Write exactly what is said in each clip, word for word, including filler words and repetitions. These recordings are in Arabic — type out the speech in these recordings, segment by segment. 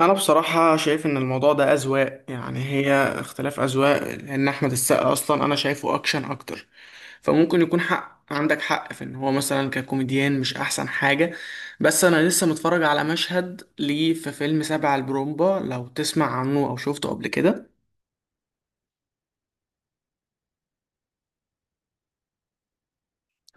انا بصراحة شايف ان الموضوع ده اذواق. يعني هي اختلاف اذواق، لان احمد السقا اصلا انا شايفه اكشن اكتر. فممكن يكون حق، عندك حق في ان هو مثلا ككوميديان مش احسن حاجة. بس انا لسه متفرج على مشهد ليه في فيلم سبع البرومبا، لو تسمع عنه او شفته قبل كده.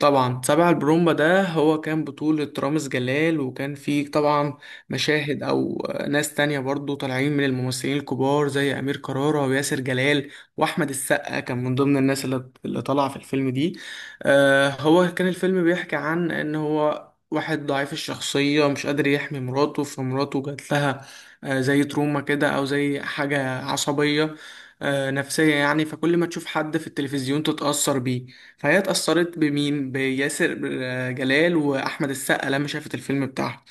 طبعا سبع البرومبا ده هو كان بطولة رامز جلال، وكان فيه طبعا مشاهد أو ناس تانية برضو طالعين من الممثلين الكبار زي أمير كرارة وياسر جلال وأحمد السقا، كان من ضمن الناس اللي اللي طالعة في الفيلم دي. آه، هو كان الفيلم بيحكي عن إن هو واحد ضعيف الشخصية مش قادر يحمي مراته، فمراته جات لها آه زي تروما كده أو زي حاجة عصبية، آه، نفسية يعني. فكل ما تشوف حد في التلفزيون تتأثر بيه. فهي اتأثرت بمين؟ بياسر آه، جلال وأحمد السقا لما شافت الفيلم بتاعها.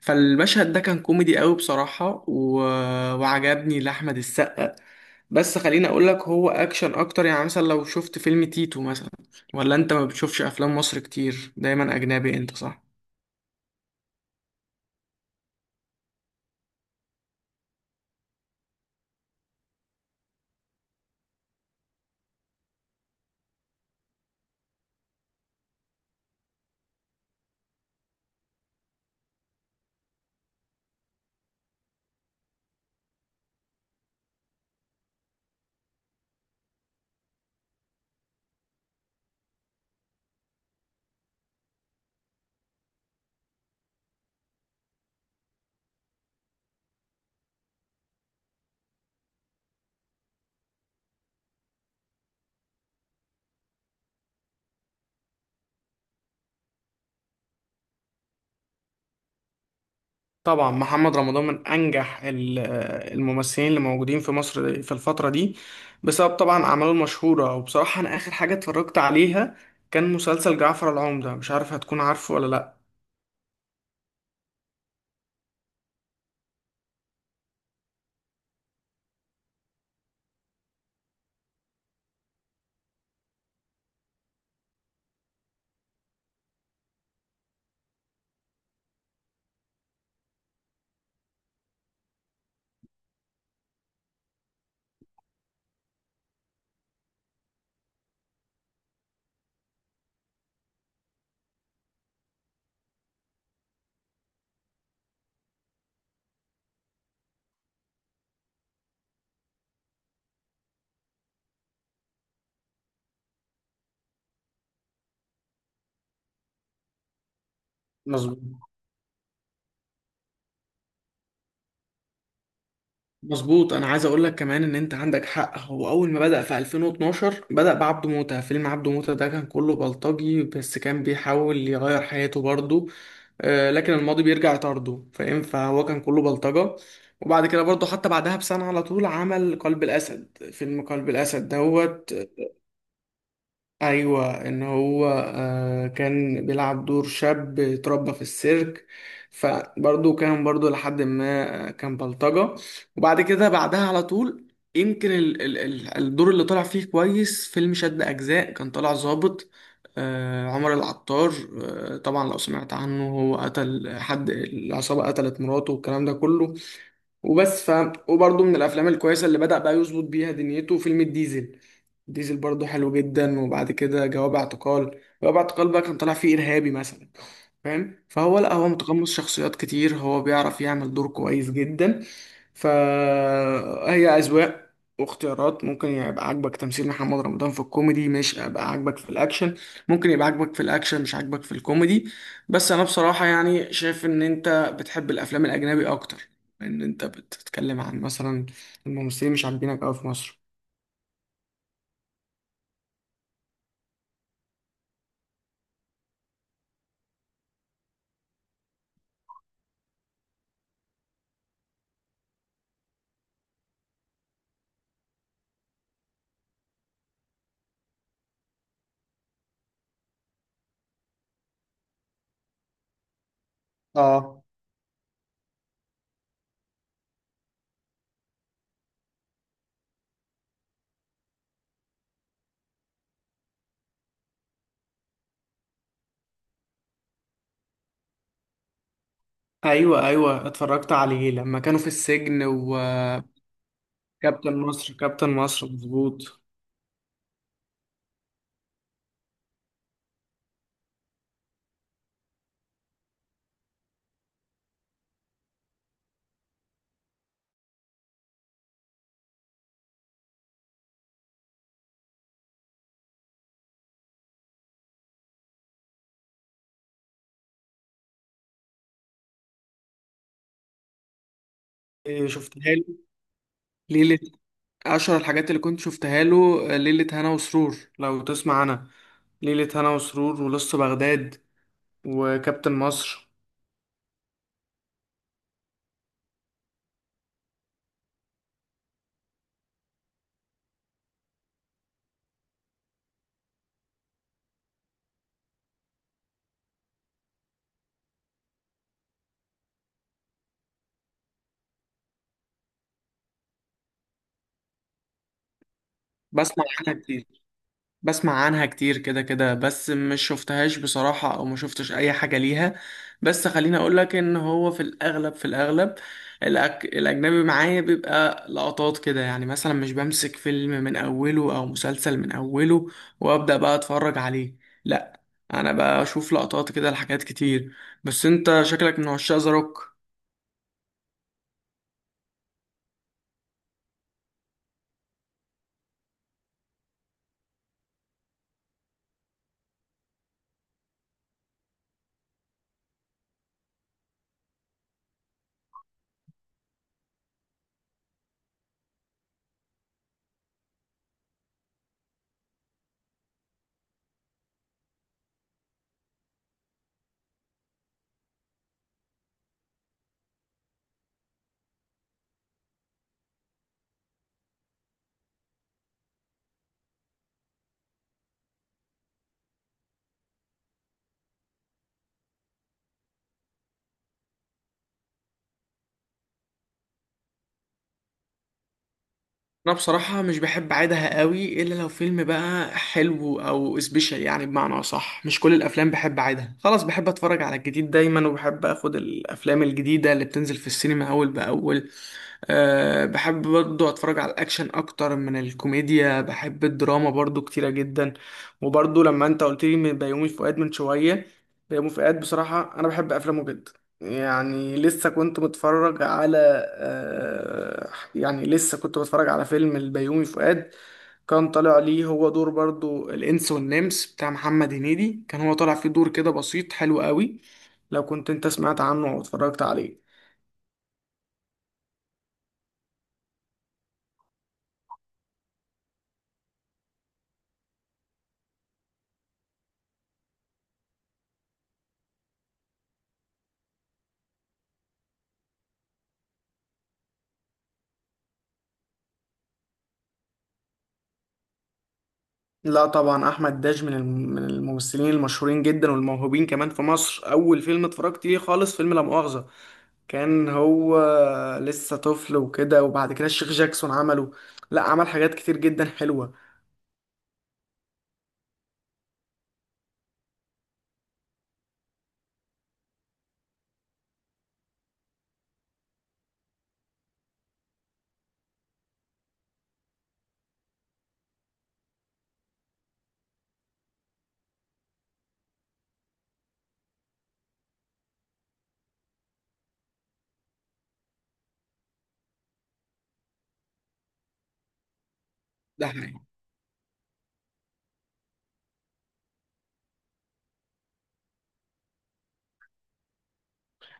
فالمشهد ده كان كوميدي قوي بصراحة و... وعجبني لأحمد السقا. بس خليني أقول لك، هو أكشن أكتر. يعني مثلا لو شفت فيلم تيتو مثلا، ولا أنت ما بتشوفش أفلام مصر كتير، دايما أجنبي أنت، صح؟ طبعا محمد رمضان من انجح ال- الممثلين اللي موجودين في مصر في الفتره دي، بسبب طبعا اعماله المشهوره. وبصراحه انا اخر حاجه اتفرجت عليها كان مسلسل جعفر العمده، مش عارف هتكون عارفه ولا لا. مظبوط، مظبوط. انا عايز اقول لك كمان ان انت عندك حق. هو اول ما بدأ في ألفين واتناشر بدأ بعبده موتة. فيلم عبده موتة ده كان كله بلطجي، بس كان بيحاول يغير حياته برضه. آه، لكن الماضي بيرجع يطارده، فاهم؟ فهو كان كله بلطجة. وبعد كده برضه، حتى بعدها بسنة على طول، عمل قلب الأسد. فيلم قلب الأسد دوت. ايوه، ان هو آه، كان بيلعب دور شاب اتربى في السيرك، فبرضه كان برضه لحد ما آه، كان بلطجة. وبعد كده بعدها على طول يمكن ال ال ال الدور اللي طلع فيه كويس فيلم شد أجزاء، كان طلع ظابط، آه، عمر العطار. آه، طبعا لو سمعت عنه، هو قتل حد، العصابة قتلت مراته والكلام ده كله وبس. ف وبرضه من الافلام الكويسه اللي بدأ بقى يظبط بيها دنيته فيلم الديزل. الديزل برضه حلو جدا. وبعد كده جواب اعتقال. جواب اعتقال بقى كان طالع فيه ارهابي مثلا، فاهم؟ فهو لا، هو متقمص شخصيات كتير، هو بيعرف يعمل دور كويس جدا. فهي أذواق واختيارات. ممكن يبقى عاجبك تمثيل محمد رمضان في الكوميدي، مش يبقى عاجبك في الأكشن. ممكن يبقى عاجبك في الأكشن، مش عاجبك في الكوميدي. بس أنا بصراحة يعني شايف إن أنت بتحب الأفلام الأجنبي أكتر، لأن أنت بتتكلم عن مثلا الممثلين مش عاجبينك أوي في مصر. اه. ايوه، ايوه، اتفرجت عليه لما كانوا في السجن. وكابتن مصر، كابتن مصر، مظبوط. آه، شفتها له ليلة، أشهر الحاجات اللي كنت شفتها له آه، ليلة هنا وسرور، لو تسمع. أنا ليلة هنا وسرور ولص بغداد وكابتن مصر. بسمع عنها كتير، بسمع عنها كتير كده كده، بس مش شفتهاش بصراحة، او ما شفتش اي حاجة ليها. بس خليني اقولك ان هو في الاغلب، في الاغلب الأك... الاجنبي معايا بيبقى لقطات كده. يعني مثلا مش بمسك فيلم من اوله او مسلسل من اوله وابدأ بقى اتفرج عليه، لا. انا بشوف لقطات كده لحاجات كتير. بس انت شكلك من عشاق ذا روك. انا بصراحة مش بحب اعيدها قوي، الا لو فيلم بقى حلو او سبيشال. يعني بمعنى اصح مش كل الافلام بحب اعيدها، خلاص بحب اتفرج على الجديد دايما، وبحب اخد الافلام الجديدة اللي بتنزل في السينما اول باول. أه بحب برضو اتفرج على الاكشن اكتر من الكوميديا. بحب الدراما برضو كتيرة جدا. وبرضو لما انت قلت لي من بيومي فؤاد من شوية، بيومي فؤاد بصراحة انا بحب افلامه جدا. يعني لسه كنت متفرج على آه، يعني لسه كنت بتفرج على فيلم البيومي فؤاد، كان طالع ليه هو دور برضو الإنس والنمس بتاع محمد هنيدي، كان هو طالع فيه دور كده بسيط حلو قوي، لو كنت انت سمعت عنه او اتفرجت عليه. لا طبعا، احمد داش من الم- من الممثلين المشهورين جدا والموهوبين كمان في مصر. اول فيلم اتفرجت ليه خالص فيلم لا مؤاخذة، كان هو لسه طفل وكده. وبعد كده الشيخ جاكسون عمله، لا عمل حاجات كتير جدا حلوة. ده حقيقي.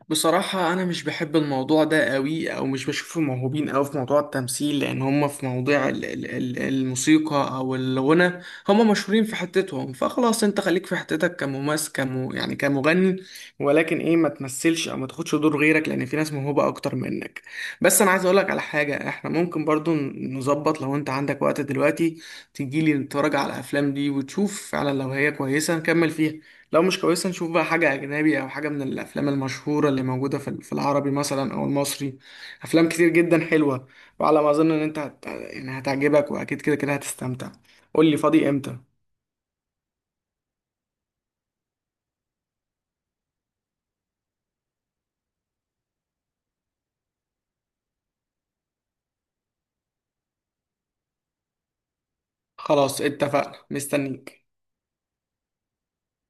بصراحة أنا مش بحب الموضوع ده قوي، أو مش بشوفهم موهوبين قوي في موضوع التمثيل، لأن هم في مواضيع ال- ال- ال- الموسيقى أو الغنى، هم مشهورين في حتتهم. فخلاص أنت خليك في حتتك كممثل، كم يعني كمغني، ولكن إيه ما تمثلش أو ما تاخدش دور غيرك، لأن في ناس موهوبة أكتر منك. بس أنا عايز أقولك على حاجة، إحنا ممكن برضو نظبط لو أنت عندك وقت دلوقتي تجيلي نتفرج على الأفلام دي، وتشوف فعلا لو هي كويسة نكمل فيها، لو مش كويسة نشوف بقى حاجة أجنبي أو حاجة من الأفلام المشهورة اللي موجودة في في العربي مثلا أو المصري. أفلام كتير جدا حلوة، وعلى ما أظن إن أنت هت... يعني هتعجبك، وأكيد كده كده هتستمتع. قول لي فاضي إمتى. خلاص اتفقنا، مستنيك.